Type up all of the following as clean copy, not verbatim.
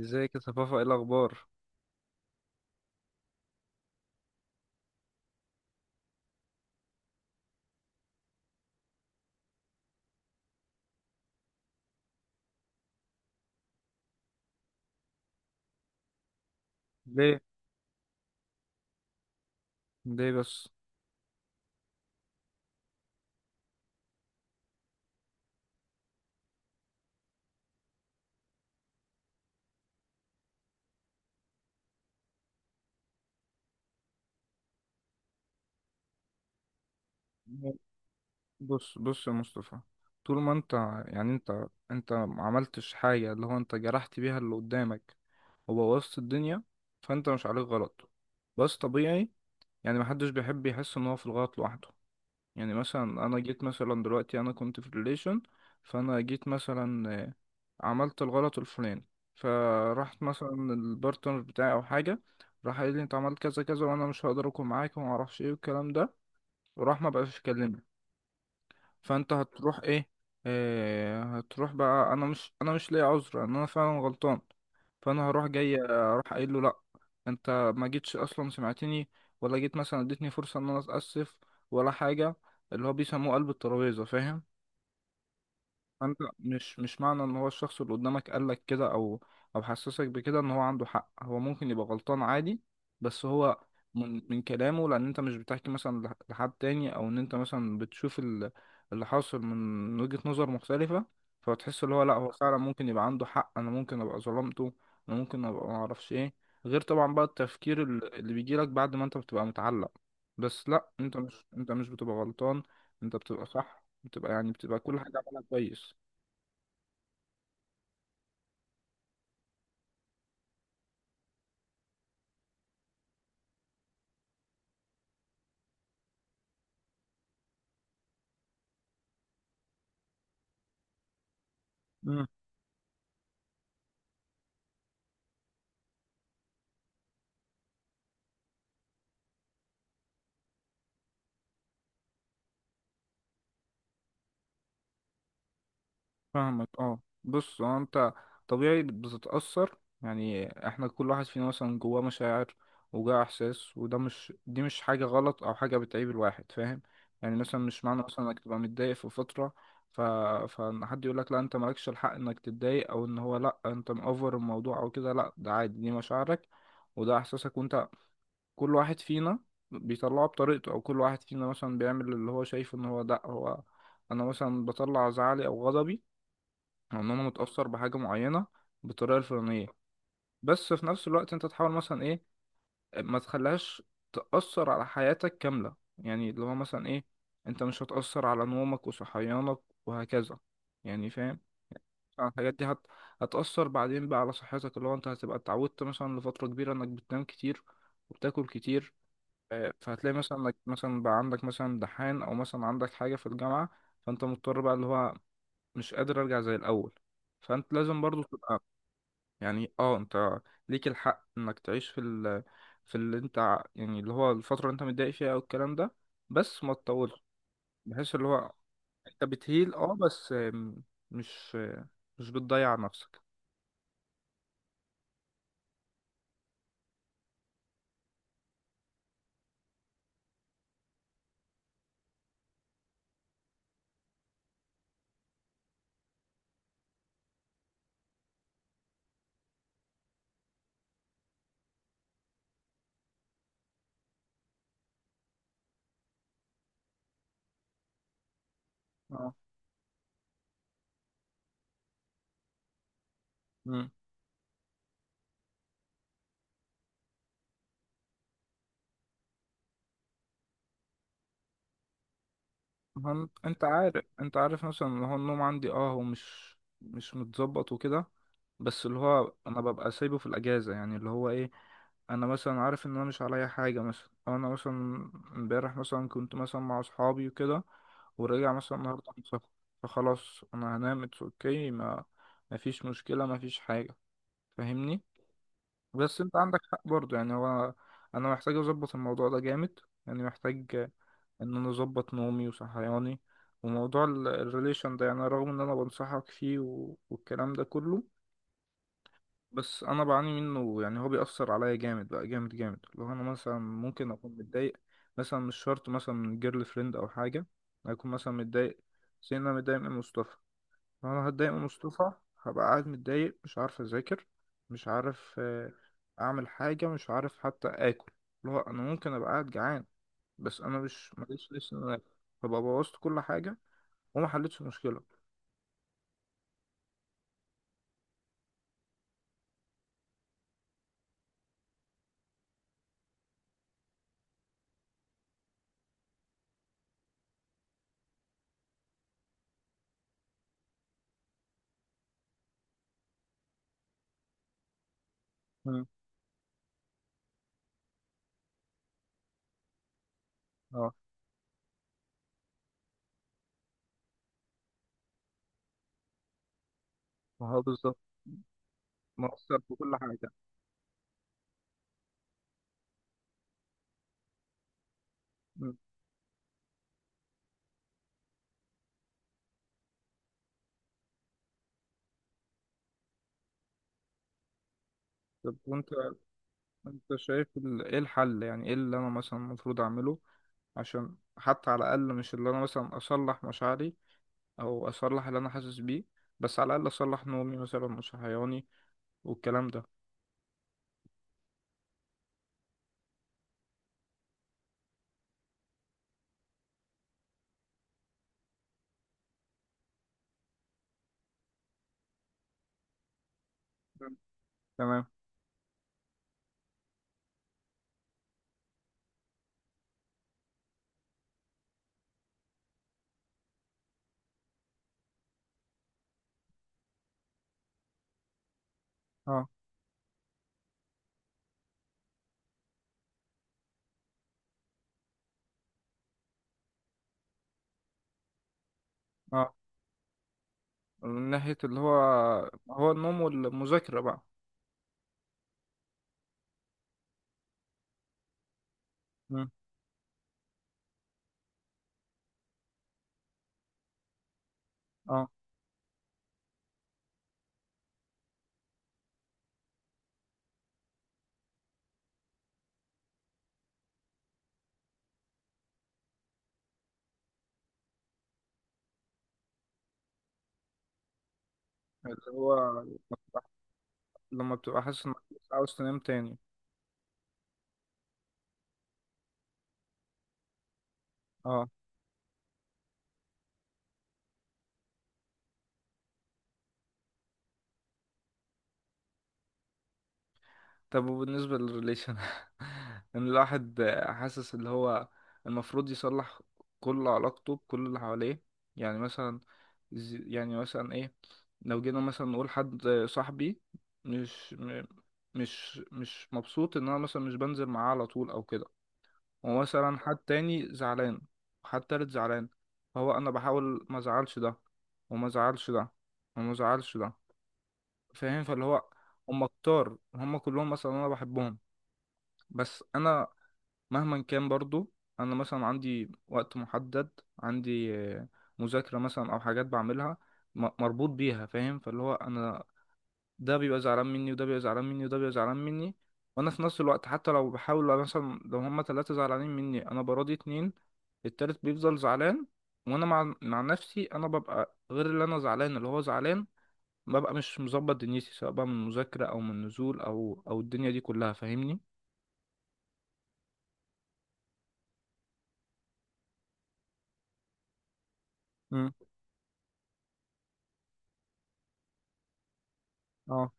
ازيك يا صفافة، ايه الأخبار؟ ليه؟ ليه بس؟ بص بص يا مصطفى، طول ما انت يعني انت ما عملتش حاجة اللي هو انت جرحت بيها اللي قدامك وبوظت الدنيا، فانت مش عليك غلط. بس طبيعي، يعني محدش بيحب يحس ان هو في الغلط لوحده. يعني مثلا انا جيت مثلا دلوقتي انا كنت في ريليشن، فانا جيت مثلا عملت الغلط الفلاني، فراحت مثلا البارتنر بتاعي او حاجه، راح قال لي انت عملت كذا كذا وانا مش هقدر اكون معاك وما اعرفش ايه والكلام ده، وراح ما بقاش يكلمني. فانت هتروح ايه؟ هتروح بقى انا مش، انا مش ليا عذر ان انا فعلا غلطان. فانا هروح جاي اروح قايل له لا، انت ما جيتش اصلا سمعتني، ولا جيت مثلا اديتني فرصه ان انا اتاسف، ولا حاجه. اللي هو بيسموه قلب الترابيزه، فاهم؟ فانت مش معنى ان هو الشخص اللي قدامك قالك كده او او حسسك بكده ان هو عنده حق، هو ممكن يبقى غلطان عادي. بس هو من كلامه، لان انت مش بتحكي مثلا لحد تاني، او ان انت مثلا بتشوف اللي حاصل من وجهة نظر مختلفة، فتحس اللي هو لا هو فعلا ممكن يبقى عنده حق، انا ممكن ابقى ظلمته، انا ممكن ابقى معرفش ايه، غير طبعا بقى التفكير اللي بيجيلك بعد ما انت بتبقى متعلق. بس لا، انت مش، انت مش بتبقى غلطان، انت بتبقى صح، بتبقى يعني بتبقى كل حاجة عملها كويس. مم. فاهمك. اه بص، هو انت طبيعي بتتأثر، يعني احنا كل واحد فينا مثلا جواه مشاعر وجواه احساس، وده مش، دي مش حاجة غلط او حاجة بتعيب الواحد، فاهم؟ يعني مثلا مش معنى مثلا انك تبقى متضايق في فترة ف... فان حد يقول لك لا انت مالكش الحق انك تتضايق، او ان هو لا انت مأفر الموضوع او كده، لا ده عادي، دي مشاعرك وده احساسك، وانت كل واحد فينا بيطلعه بطريقته، او كل واحد فينا مثلا بيعمل اللي هو شايف ان هو ده هو. انا مثلا بطلع زعلي او غضبي، او ان انا متأثر بحاجة معينة بالطريقة الفلانية. بس في نفس الوقت انت تحاول مثلا ايه، ما تخليهاش تأثر على حياتك كاملة، يعني اللي هو مثلا ايه، انت مش هتأثر على نومك وصحيانك، وهكذا، يعني فاهم؟ طبعاً الحاجات دي هتأثر بعدين بقى على صحتك، اللي هو انت هتبقى اتعودت مثلا لفترة كبيرة انك بتنام كتير وبتاكل كتير. فهتلاقي مثلا انك مثلا بقى عندك مثلا دحان، او مثلا عندك حاجه في الجامعه، فانت مضطر بقى اللي هو مش قادر ارجع زي الاول، فانت لازم برضو تبقى يعني اه، انت ليك الحق انك تعيش في ال، في اللي انت يعني اللي هو الفتره اللي انت متضايق فيها او الكلام ده، بس ما تطولش، بحيث اللي هو انت بتهيل اه بس مش مش بتضيع نفسك. اه مم. ما هو انت عارف، انت عارف مثلا اللي هو النوم عندي اه، هو مش متظبط وكده، بس اللي هو انا ببقى سايبه في الاجازه، يعني اللي هو ايه، انا مثلا عارف ان انا مش عليا حاجه مثلا، او انا مثلا امبارح مثلا كنت مثلا مع اصحابي وكده، وراجع مثلا النهارده من سفر، فخلاص انا هنام اتس اوكي، ما، ما فيش مشكله، ما فيش حاجه، فاهمني. بس انت عندك حق برضه، يعني هو انا محتاج اظبط الموضوع ده جامد، يعني محتاج ان انا اظبط نومي وصحياني. وموضوع الريليشن ده، يعني رغم ان انا بنصحك فيه والكلام ده كله، بس انا بعاني منه، يعني هو بيأثر عليا جامد بقى جامد جامد. لو انا مثلا ممكن اكون متضايق، مثلا مش شرط مثلا من جيرل فريند او حاجه، اكون مثلا متضايق زي إن انا متضايق من مصطفى، فانا هتضايق من مصطفى، هبقى قاعد متضايق مش عارف اذاكر، مش عارف اعمل حاجه، مش عارف حتى اكل، اللي هو انا ممكن ابقى قاعد جعان بس انا مش ماليش لسه إن أنا آكل. فبقى بوظت كل حاجه وما حلتش المشكله. مم. اه ما هو بالظبط، مؤثر في كل حاجه. مم. طب وانت، انت شايف ايه الحل؟ يعني ايه اللي انا مثلا المفروض اعمله، عشان حتى على الاقل مش اللي انا مثلا اصلح مشاعري او اصلح اللي انا حاسس بيه، بس على الاقل اصلح نومي مثلا مش صحياني والكلام ده. تمام تمام. اه اه، من ناحية اللي هو هو النوم والمذاكرة بقى. مم. اه اللي هو لما بتبقى حاسس انك مش عاوز تنام تاني. اه طب وبالنسبة للريليشن ان الواحد حاسس اللي هو المفروض يصلح كل علاقته بكل اللي حواليه، يعني مثلا يعني مثلا ايه، لو جينا مثلا نقول حد صاحبي مش م- مش مبسوط ان انا مثلا مش بنزل معاه على طول او كده، ومثلا حد تاني زعلان وحد تالت زعلان، فهو انا بحاول ما ازعلش ده وما ازعلش ده وما ازعلش ده، فاهم؟ فاللي هو هم كتار، هم كلهم مثلا انا بحبهم، بس انا مهما كان برضو انا مثلا عندي وقت محدد، عندي مذاكرة مثلا او حاجات بعملها مربوط بيها، فاهم؟ فاللي هو انا ده بيبقى زعلان مني وده بيبقى زعلان مني وده بيبقى زعلان مني، وانا في نفس الوقت حتى لو بحاول مثلا لو هما ثلاثة زعلانين مني انا براضي اتنين، التالت بيفضل زعلان، وانا مع نفسي انا ببقى غير اللي انا زعلان اللي هو زعلان، ببقى مش مظبط دنيتي سواء بقى من مذاكرة او من نزول او او الدنيا دي كلها، فاهمني. امم اه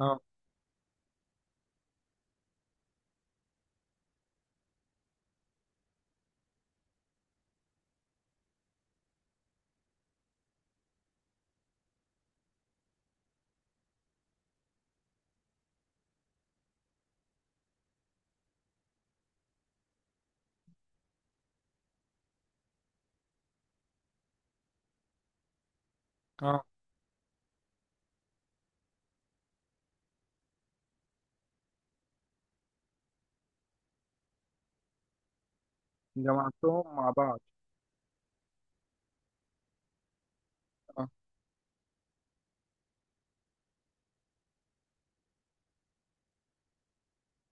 اه اه جمعتهم مع بعض. اه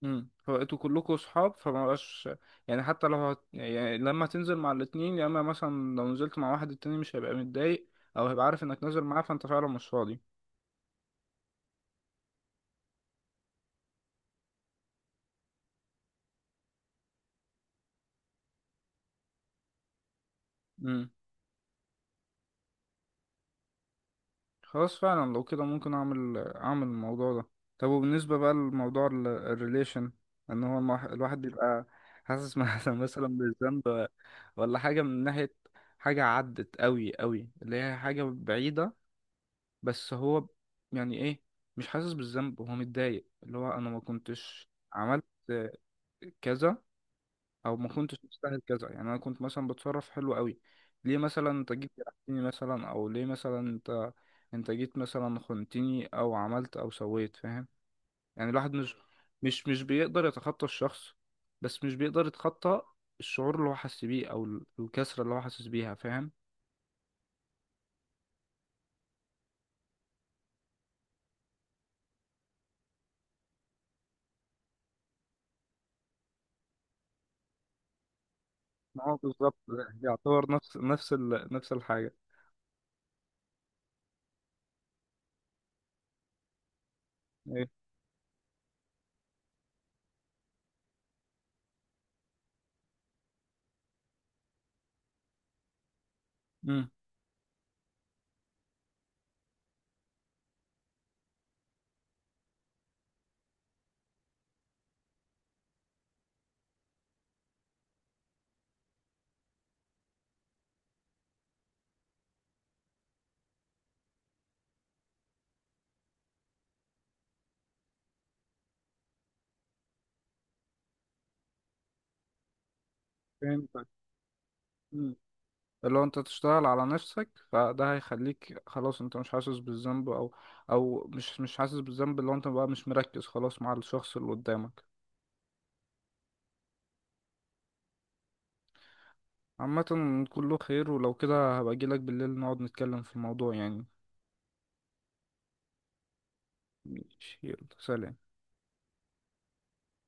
فبقيتوا كلكم صحاب فما بقاش، يعني حتى لو يعني لما تنزل مع الاتنين، يا اما مثلا لو نزلت مع واحد التاني مش هيبقى متضايق، او هيبقى عارف انك نازل معاه فانت فعلا مش فاضي. امم خلاص فعلا لو كده ممكن اعمل، اعمل الموضوع ده. طب وبالنسبة بقى لموضوع الريليشن، ان هو الواحد بيبقى حاسس مثلا بالذنب ولا حاجة من ناحية حاجة عدت قوي قوي اللي هي حاجة بعيدة، بس هو يعني ايه، مش حاسس بالذنب، هو متضايق اللي هو انا ما كنتش عملت كذا، او ما كنتش مستاهل كذا، يعني انا كنت مثلا بتصرف حلو قوي، ليه مثلا انت جيت جرحتني مثلا، او ليه مثلا انت جيت مثلا خنتني او عملت او سويت، فاهم؟ يعني الواحد مش، مش بيقدر يتخطى الشخص، بس مش بيقدر يتخطى الشعور اللي هو حاسس بيه او الكسرة اللي هو حاسس بيها، فاهم؟ ما هو بالظبط، يعتبر نفس نفس الحاجة. ايه فهمتك. مم. لو انت تشتغل على نفسك فده هيخليك خلاص انت مش حاسس بالذنب، او او مش حاسس بالذنب لو انت بقى مش مركز خلاص مع الشخص اللي قدامك. عامة كله خير، ولو كده هبقى اجيلك بالليل نقعد نتكلم في الموضوع يعني. ماشي، يلا سلام.